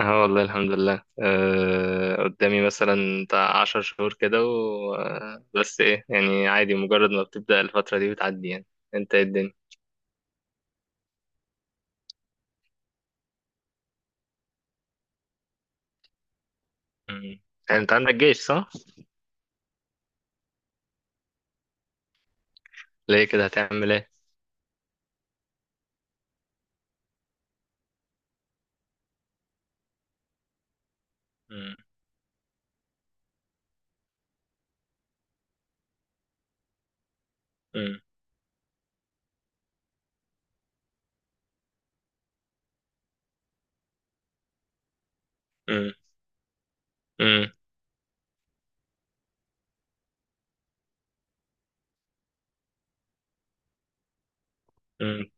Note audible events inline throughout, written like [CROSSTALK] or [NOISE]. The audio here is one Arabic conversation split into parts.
اه، والله الحمد لله، قدامي مثلا بتاع عشر شهور كده. و... آه، بس ايه يعني، عادي، مجرد ما بتبدأ الفترة دي بتعدي يعني. انت ايه الدنيا؟ مم. يعني انت عندك جيش، صح؟ ليه كده، هتعمل ايه؟ مم. مم. مم. مم. مم.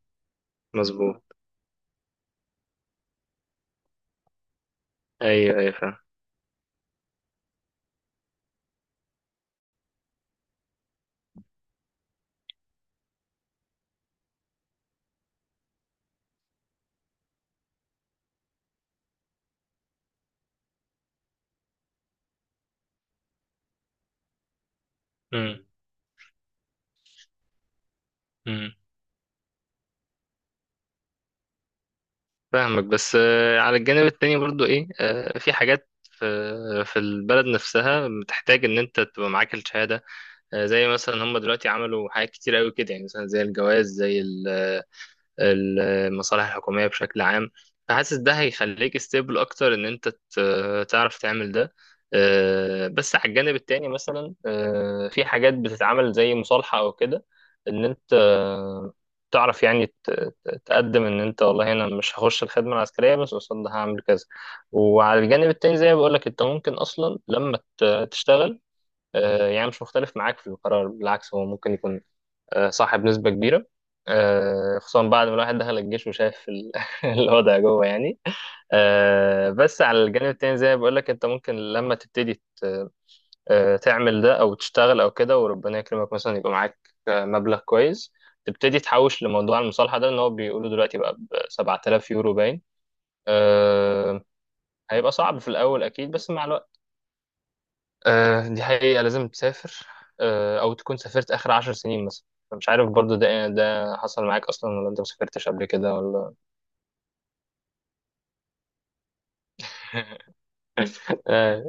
مظبوط. ايوه، ايوه، فاهم. مم. مم. فاهمك، بس على الجانب التاني برضو ايه، في حاجات في البلد نفسها بتحتاج ان انت تبقى معاك الشهادة. زي مثلا هم دلوقتي عملوا حاجات كتير قوي كده، يعني مثلا زي الجواز، زي المصالح الحكومية بشكل عام. فحاسس ده هيخليك ستيبل أكتر، إن أنت تعرف تعمل ده. بس على الجانب التاني مثلا في حاجات بتتعمل زي مصالحة أو كده، إن أنت تعرف يعني تقدم ان انت، والله انا مش هخش الخدمه العسكريه، بس قصاد ده هعمل كذا. وعلى الجانب التاني زي ما بقول لك، انت ممكن اصلا لما تشتغل. يعني مش مختلف معاك في القرار، بالعكس، هو ممكن يكون صح بنسبة كبيرة، خصوصا بعد ما الواحد دخل الجيش وشاف [LAUGHS] الوضع جوه يعني. بس على الجانب التاني زي ما بقول لك، انت ممكن لما تبتدي تعمل ده او تشتغل او كده، وربنا يكرمك مثلا يبقى معاك مبلغ كويس، تبتدي تحوش لموضوع المصالحة ده، ان هو بيقولوا دلوقتي بقى ب 7000 يورو باين. آه، هيبقى صعب في الاول اكيد، بس مع الوقت. دي حقيقة، لازم تسافر، أو تكون سافرت آخر عشر سنين مثلا. مش عارف برضو، ده حصل معاك أصلا، ولا أنت مسافرتش قبل كده، ولا. [LAUGHS] آه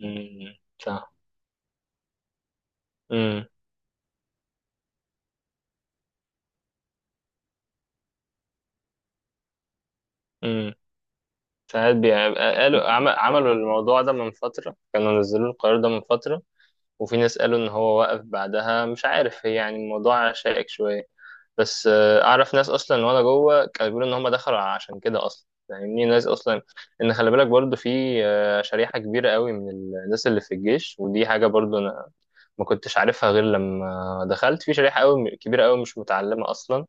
أمم، صح. أمم، أمم. ساعات بيبقى، قالوا عملوا الموضوع ده من فترة، كانوا نزلوا القرار ده من فترة. وفي ناس قالوا إن هو وقف بعدها، مش عارف، هي يعني الموضوع شائك شوية. بس اعرف ناس اصلا وانا جوه كانوا بيقولوا ان هم دخلوا عشان كده اصلا، فاهمني، ناس اصلا، ان خلي بالك برضو في شريحه كبيره قوي من الناس اللي في الجيش، ودي حاجه برضو انا ما كنتش عارفها غير لما دخلت، في شريحه قوي كبيره قوي مش متعلمه اصلا.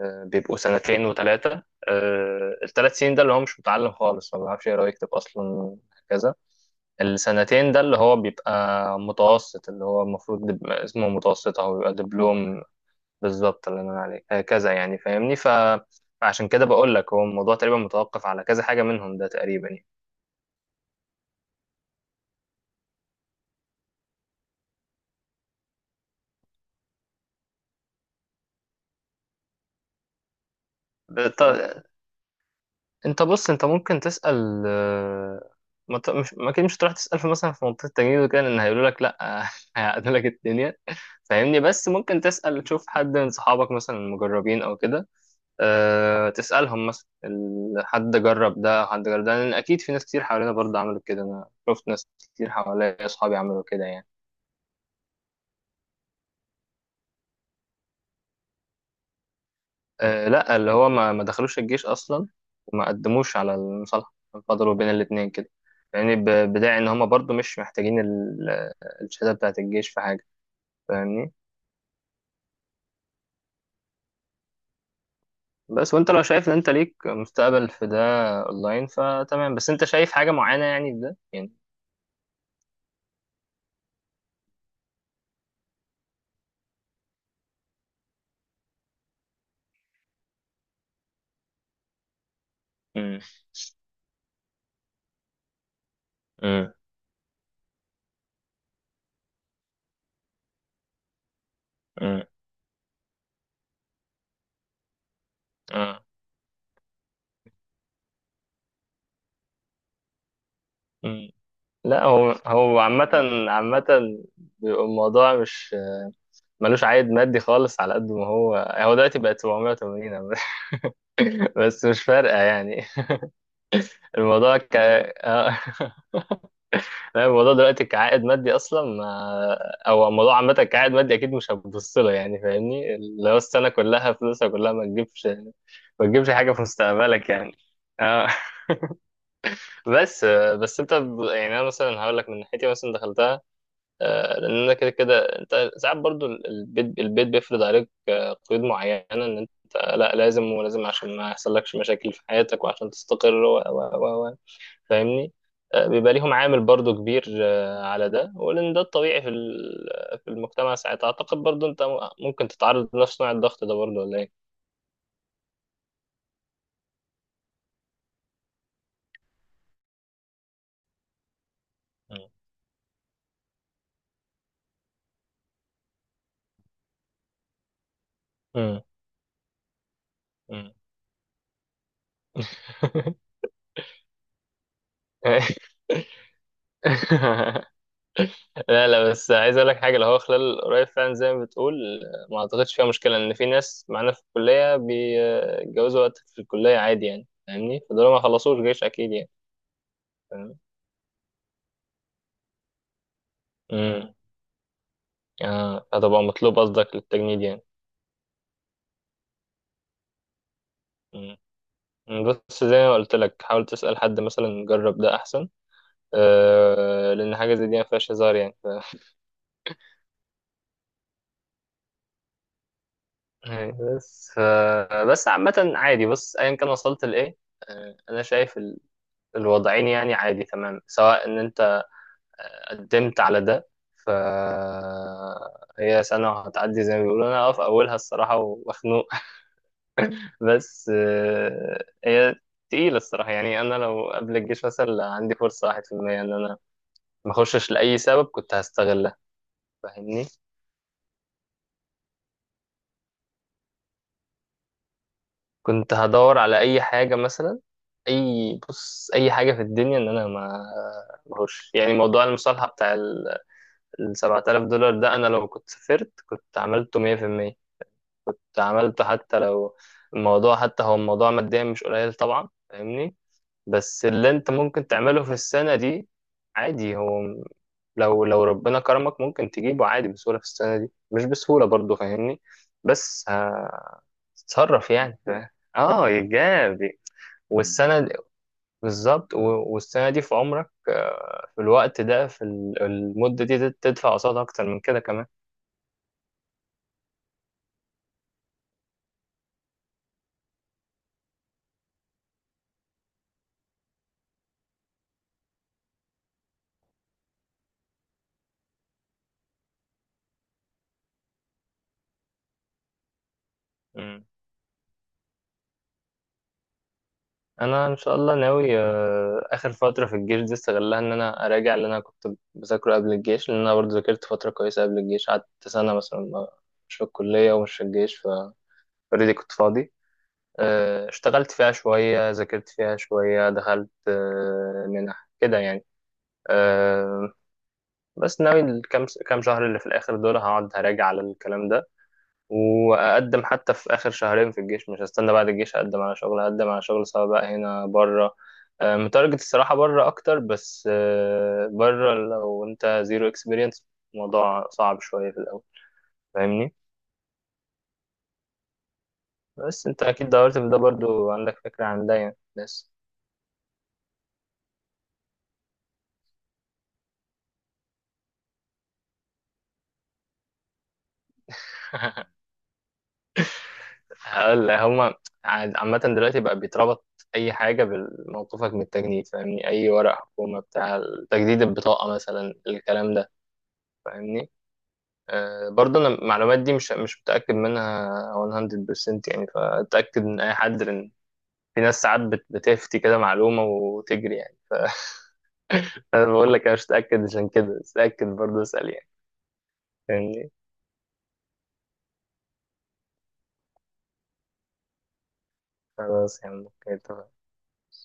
بيبقوا سنتين وثلاثه. الثلاث سنين ده اللي هو مش متعلم خالص، ما بيعرفش يقرا ويكتب اصلا هكذا. السنتين ده اللي هو بيبقى متوسط، اللي هو المفروض اسمه متوسط، او بيبقى دبلوم. بالظبط اللي انا عليك هكذا يعني، فاهمني. فعشان كده بقول لك، هو الموضوع تقريبا متوقف على كذا حاجة منهم ده تقريبا يعني. بط... انت بص، انت ممكن تسأل ما ت- مش ما اكيد مش هتروح تسأل في مثلا، في منطقة التجنيد وكده، ان هيقولوا لك لا، [LAUGHS] هيعقدوا لك الدنيا، فاهمني. بس ممكن تسأل تشوف حد من صحابك مثلا، المجربين او كده. تسألهم مثلا حد جرب ده، حد جرب ده، لان اكيد في ناس كتير حوالينا برضه عملوا كده، انا شفت ناس كتير حواليا، اصحابي عملوا كده يعني. آه لا، اللي هو ما دخلوش الجيش اصلا، وما قدموش على المصالحه، فضلوا بين الاثنين كده يعني، بداعي ان هم برضو مش محتاجين الشهاده بتاعه الجيش في حاجه، فاهمني. بس وانت لو شايف ان انت ليك مستقبل في ده اونلاين فتمام، بس انت شايف حاجه معينه يعني في ده يعني. امم، امم، امم. آه، أمم. لا، هو عامة، عامة بيبقى الموضوع مش ملوش عائد مادي خالص، على قد ما هو دلوقتي بقت 780 عامة. [LAUGHS] بس مش فارقة يعني. الموضوع ك آه. [LAUGHS] لا، الموضوع دلوقتي كعائد مادي اصلا ما... او الموضوع عامه كعائد مادي اكيد مش هتبص له، يعني فاهمني، اللي هو السنه كلها، فلوسها كلها، ما تجيبش، ما تجيبش حاجه في مستقبلك يعني. اه. [LAUGHS] بس انت، يعني انا مثلا هقول لك من ناحيتي، مثلا دخلتها لان انا كده كده، انت ساعات برضو البيت، بيفرض عليك قيود معينه، ان انت لا لازم ولازم عشان ما يحصلكش مشاكل في حياتك، وعشان تستقر و و و فاهمني. بيبقى ليهم عامل برضو كبير على ده، ولأن ده الطبيعي في في المجتمع ساعتها. أعتقد برضو أنت ممكن تتعرض لنفس نوع الضغط ده برضو، ولا إيه؟ مم. مم. مم. [LAUGHS] لا، لا، بس عايز اقول لك حاجه، اللي هو خلال قريب فعلا زي ما بتقول، ما اعتقدش فيها مشكله، ان في ناس معانا في الكليه بيتجوزوا وقت في الكليه عادي يعني، فاهمني، فدول ما خلصوش جيش اكيد يعني. فاهم. امم اه هتبقى مطلوب قصدك للتجنيد؟ يعني، بس زي ما قلت لك حاول تسأل حد مثلا جرب ده أحسن. لأن حاجة زي دي ما فيهاش هزار يعني. أيوة، بس عامة عادي، بص، أيا كان وصلت لإيه. أنا شايف الوضعين يعني عادي تمام، سواء إن أنت قدمت على ده. ف هي سنة وهتعدي زي ما بيقولوا، أنا أقف أولها الصراحة ومخنوق. [LAUGHS] بس هي تقيلة الصراحة يعني. أنا لو قبل الجيش مثلا عندي فرصة واحد في المية إن أنا ما أخشش لأي سبب كنت هستغلها، فاهمني. كنت هدور على اي حاجه مثلا، اي بص اي حاجه في الدنيا، ان انا ما مهوش يعني. موضوع المصالحه بتاع ال 7000 دولار ده، انا لو كنت سافرت كنت عملته 100%، كنت عملته. حتى لو الموضوع، حتى هو الموضوع ماديا مش قليل طبعا، فاهمني. بس اللي انت ممكن تعمله في السنه دي، عادي هو لو ربنا كرمك ممكن تجيبه عادي بسهوله في السنه دي، مش بسهوله برضه فاهمني. بس تتصرف يعني. اه، ايجابي. والسنه دي بالظبط، والسنه دي في عمرك، في الوقت ده، في المده دي تدفع قصادها اكتر من كده كمان. مم. انا ان شاء الله ناوي اخر فتره في الجيش دي استغلها ان انا اراجع اللي انا كنت بذاكره قبل الجيش، لان انا برضه ذاكرت فتره كويسه قبل الجيش، قعدت سنه مثلا مش في الكليه ومش في الجيش، فاوريدي كنت فاضي، اشتغلت فيها شويه، ذاكرت فيها شويه، دخلت منح كده يعني. آه، بس ناوي كام شهر اللي في الاخر دول هقعد هراجع على الكلام ده، واقدم حتى في اخر شهرين في الجيش، مش هستنى بعد الجيش اقدم على شغل، هقدم على شغل سواء بقى هنا بره. متارجت الصراحه بره اكتر، بس بره لو انت زيرو اكسبيرينس الموضوع صعب شويه في الاول، فاهمني. بس انت اكيد دورت في ده برضو، عندك فكره عن ده يعني، بس. [LAUGHS] هقول لك هما عامة دلوقتي بقى بيتربط أي حاجة بموقفك من التجنيد، فاهمني، أي ورق حكومة بتاع تجديد البطاقة مثلا الكلام ده، فاهمني. برضه أنا المعلومات دي مش متأكد منها 100% يعني، فأتأكد من أي حد لأن في ناس ساعات بتفتي كده معلومة وتجري يعني. أنا بقول لك أنا مش متأكد عشان كده، بس اتأكد برضه، اسأل يعني. فاهمني. خلاص يا عم، اوكي، اتفقنا.